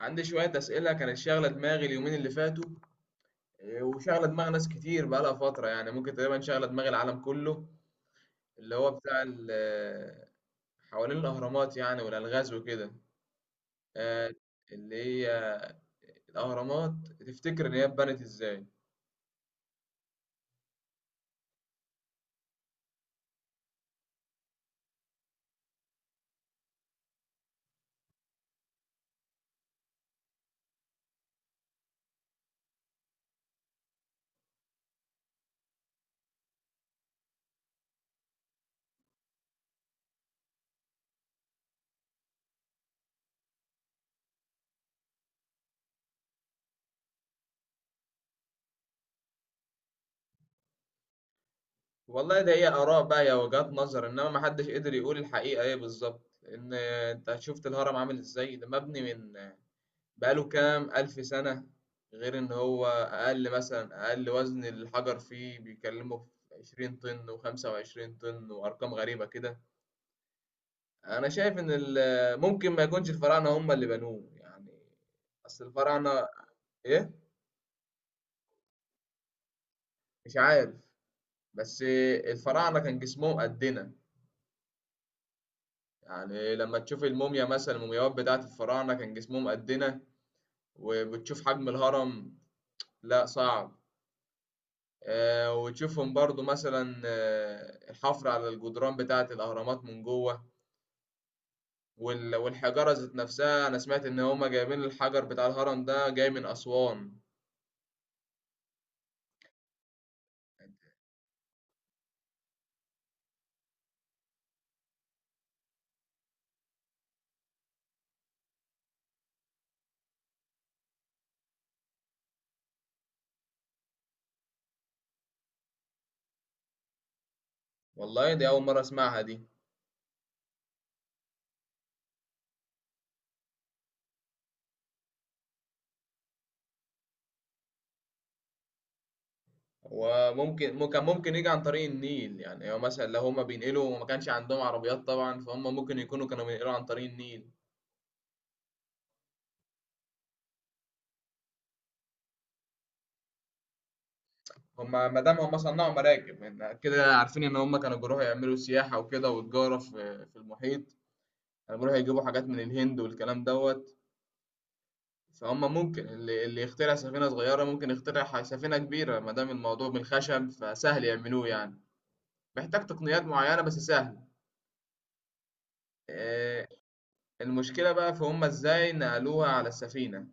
عندي شوية أسئلة كانت شاغلة دماغي اليومين اللي فاتوا. إيه، وشاغلة دماغ ناس كتير بقالها فترة، يعني ممكن تقريبا شاغلة دماغ العالم كله، اللي هو بتاع حوالين الأهرامات يعني والألغاز وكده، آه، اللي هي الأهرامات. تفتكر إن هي اتبنت إزاي؟ والله ده هي آراء بقى يا وجهات نظر، إنما محدش قدر يقول الحقيقة إيه بالظبط. إن أنت شفت الهرم عامل إزاي، ده مبني من بقاله كام ألف سنة. غير إن هو أقل وزن الحجر فيه بيكلمه في 20 طن و25 طن وأرقام غريبة كده. أنا شايف إن ممكن ما يكونش الفراعنة هم اللي بنوه يعني. أصل الفراعنة إيه؟ مش عارف. بس الفراعنة كان جسمهم قدنا. يعني لما تشوف الموميا مثلا، المومياوات بتاعت الفراعنة كان جسمهم قدنا، وبتشوف حجم الهرم. لا، صعب. وتشوفهم برضو مثلا الحفر على الجدران بتاعة الأهرامات من جوه، والحجارة ذات نفسها. أنا سمعت إن هما جايبين الحجر بتاع الهرم ده جاي من أسوان. والله دي أول مرة أسمعها دي. وممكن ممكن ممكن يجي عن طريق النيل، يعني هو مثلا لو هما بينقلوا وما كانش عندهم عربيات طبعا، فهم ممكن يكونوا كانوا بينقلوا عن طريق النيل. هما ما دام هما صنعوا مراكب، يعني كده عارفين إن هما كانوا بيروحوا يعملوا سياحة وكده وتجارة في المحيط. كانوا بيروحوا يجيبوا حاجات من الهند والكلام دوت. فهم ممكن اللي يخترع سفينة صغيرة ممكن يخترع سفينة كبيرة، ما دام الموضوع من الخشب فسهل يعملوه يعني. محتاج تقنيات معينة بس سهل. آه، المشكلة بقى في هم ازاي نقلوها على السفينة.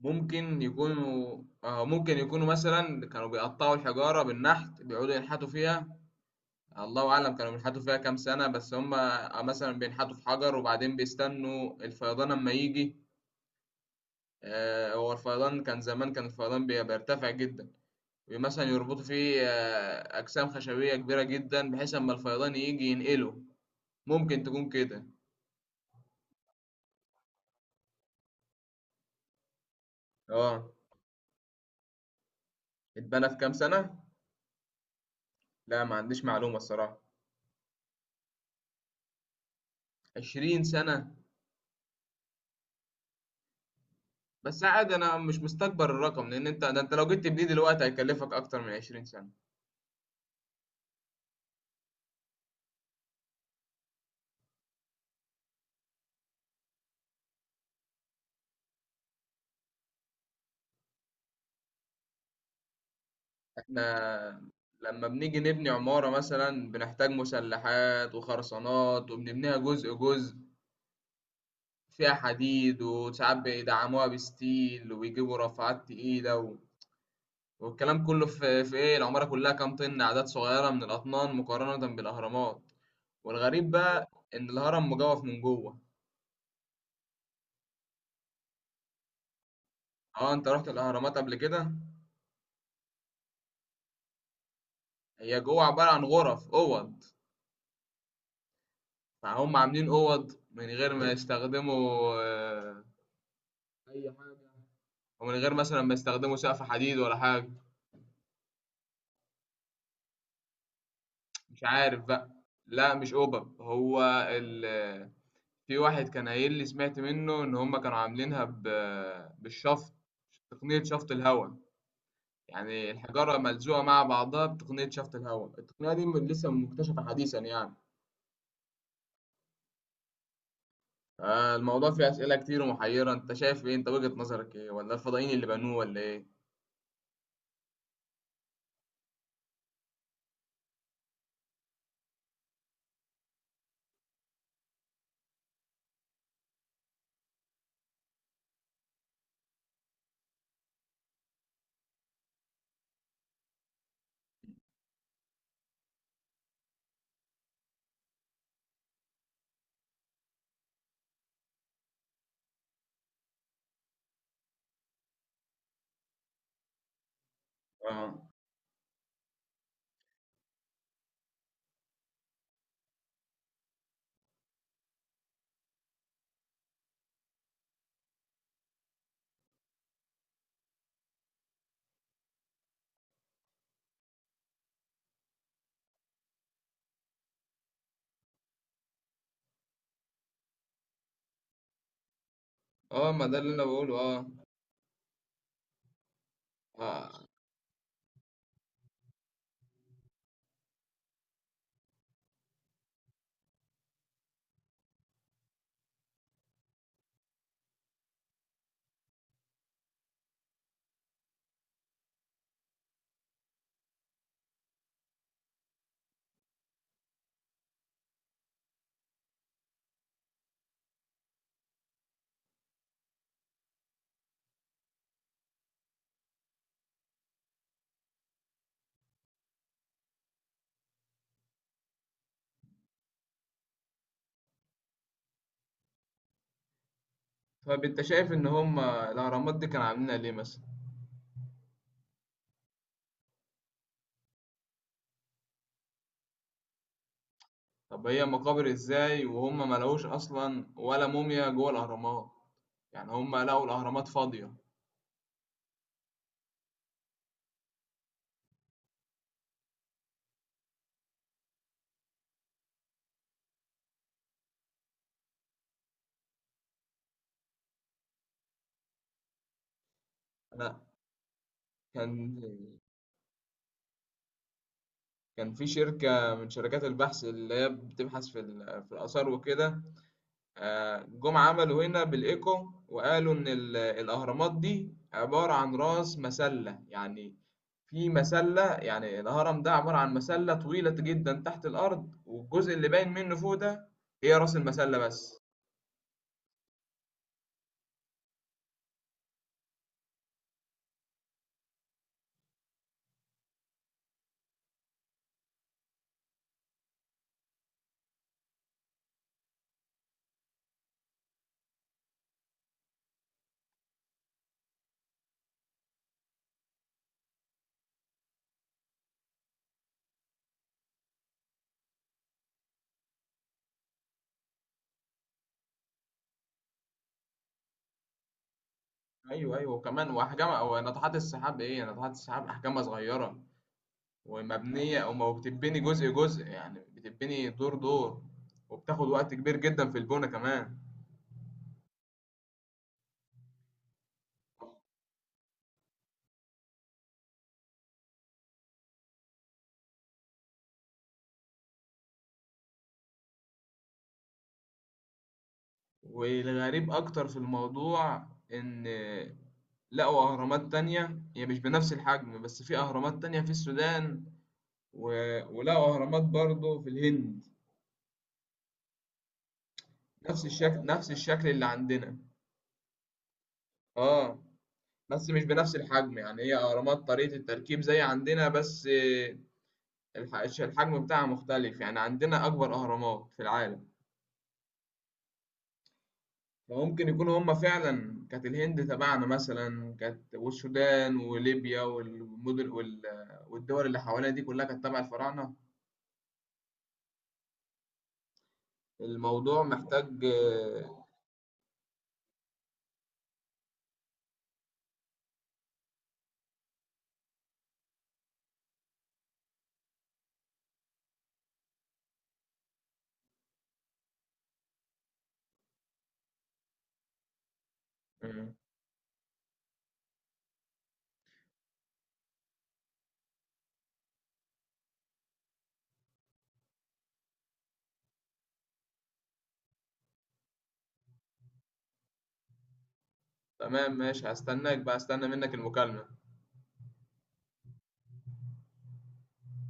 ممكن يكونوا مثلا كانوا بيقطعوا الحجارة بالنحت، بيقعدوا ينحتوا فيها. الله أعلم كانوا بينحتوا فيها كام سنة، بس هم مثلا بينحتوا في حجر وبعدين بيستنوا الفيضان أما يجي. هو الفيضان كان زمان، كان الفيضان بيرتفع جدا. مثلا يربطوا فيه أجسام خشبية كبيرة جدا، بحيث أما الفيضان يجي ينقله. ممكن تكون كده. اه، اتبنى في كام سنة؟ لا، ما عنديش معلومة الصراحة. 20 سنة. بس عادي أنا مش مستكبر الرقم، لأن أنت ده أنت لو جيت تبنيه دلوقتي هيكلفك أكتر من 20 سنة. احنا لما بنيجي نبني عمارة مثلا بنحتاج مسلحات وخرسانات، وبنبنيها جزء جزء، فيها حديد وساعات بيدعموها بستيل وبيجيبوا رافعات تقيلة، والكلام كله في ايه، العمارة كلها كام طن، أعداد صغيرة من الأطنان مقارنة بالأهرامات. والغريب بقى إن الهرم مجوف من جوه. اه، انت رحت الأهرامات قبل كده؟ هي جوه عبارة عن غرف، أوض. فهم عاملين أوض من غير ما يستخدموا، ومن غير مثلا ما يستخدموا سقف حديد ولا حاجة. مش عارف بقى. لا، مش أوبب هو ال... في واحد كان قايل لي، سمعت منه إن هما كانوا عاملينها بالشفط، تقنية شفط الهواء. يعني الحجارة ملزوقة مع بعضها بتقنية شفط الهواء. التقنية دي لسه مكتشفة حديثا يعني. الموضوع فيه أسئلة كتير ومحيرة. أنت شايف إيه، أنت وجهة نظرك إيه، ولا الفضائيين اللي بنوه ولا إيه؟ اه. ما ده اللي أنا بقوله آه. طب أنت شايف إن هم الأهرامات دي كانوا عاملينها ليه مثلا؟ طب هي مقابر إزاي وهم ما لقوش أصلا ولا موميا جوه الأهرامات؟ يعني هم لقوا الأهرامات فاضية. لا، كان كان في شركة من شركات البحث اللي هي بتبحث في في الآثار وكده، جم عملوا هنا بالإيكو وقالوا إن الأهرامات دي عبارة عن رأس مسلة يعني. في مسلة، يعني الهرم ده عبارة عن مسلة طويلة جدا تحت الأرض، والجزء اللي باين منه فوق ده هي رأس المسلة بس. أيوه، أيوه، وكمان وأحجام، أو ناطحات السحاب، إيه ناطحات السحاب أحجامها صغيرة. ومبنية أو ما بتتبني جزء جزء، يعني بتتبني دور دور، وبتاخد وقت كبير جدا في البونة كمان. والغريب أكتر في الموضوع، إن لقوا أهرامات تانية هي مش بنفس الحجم، بس في أهرامات تانية في السودان و... ولقوا أهرامات برضو في الهند. نفس الشكل، نفس الشكل اللي عندنا. اه، بس مش بنفس الحجم، يعني هي أهرامات طريقة التركيب زي عندنا، بس الحجم بتاعها مختلف، يعني عندنا أكبر أهرامات في العالم. فممكن يكونوا هم فعلا كانت الهند تبعنا مثلا، كانت والسودان وليبيا والمدن والدول اللي حوالينا دي كلها كانت تبع الفراعنة. الموضوع محتاج آه، تمام، ماشي، هستناك بقى، استنى منك المكالمة.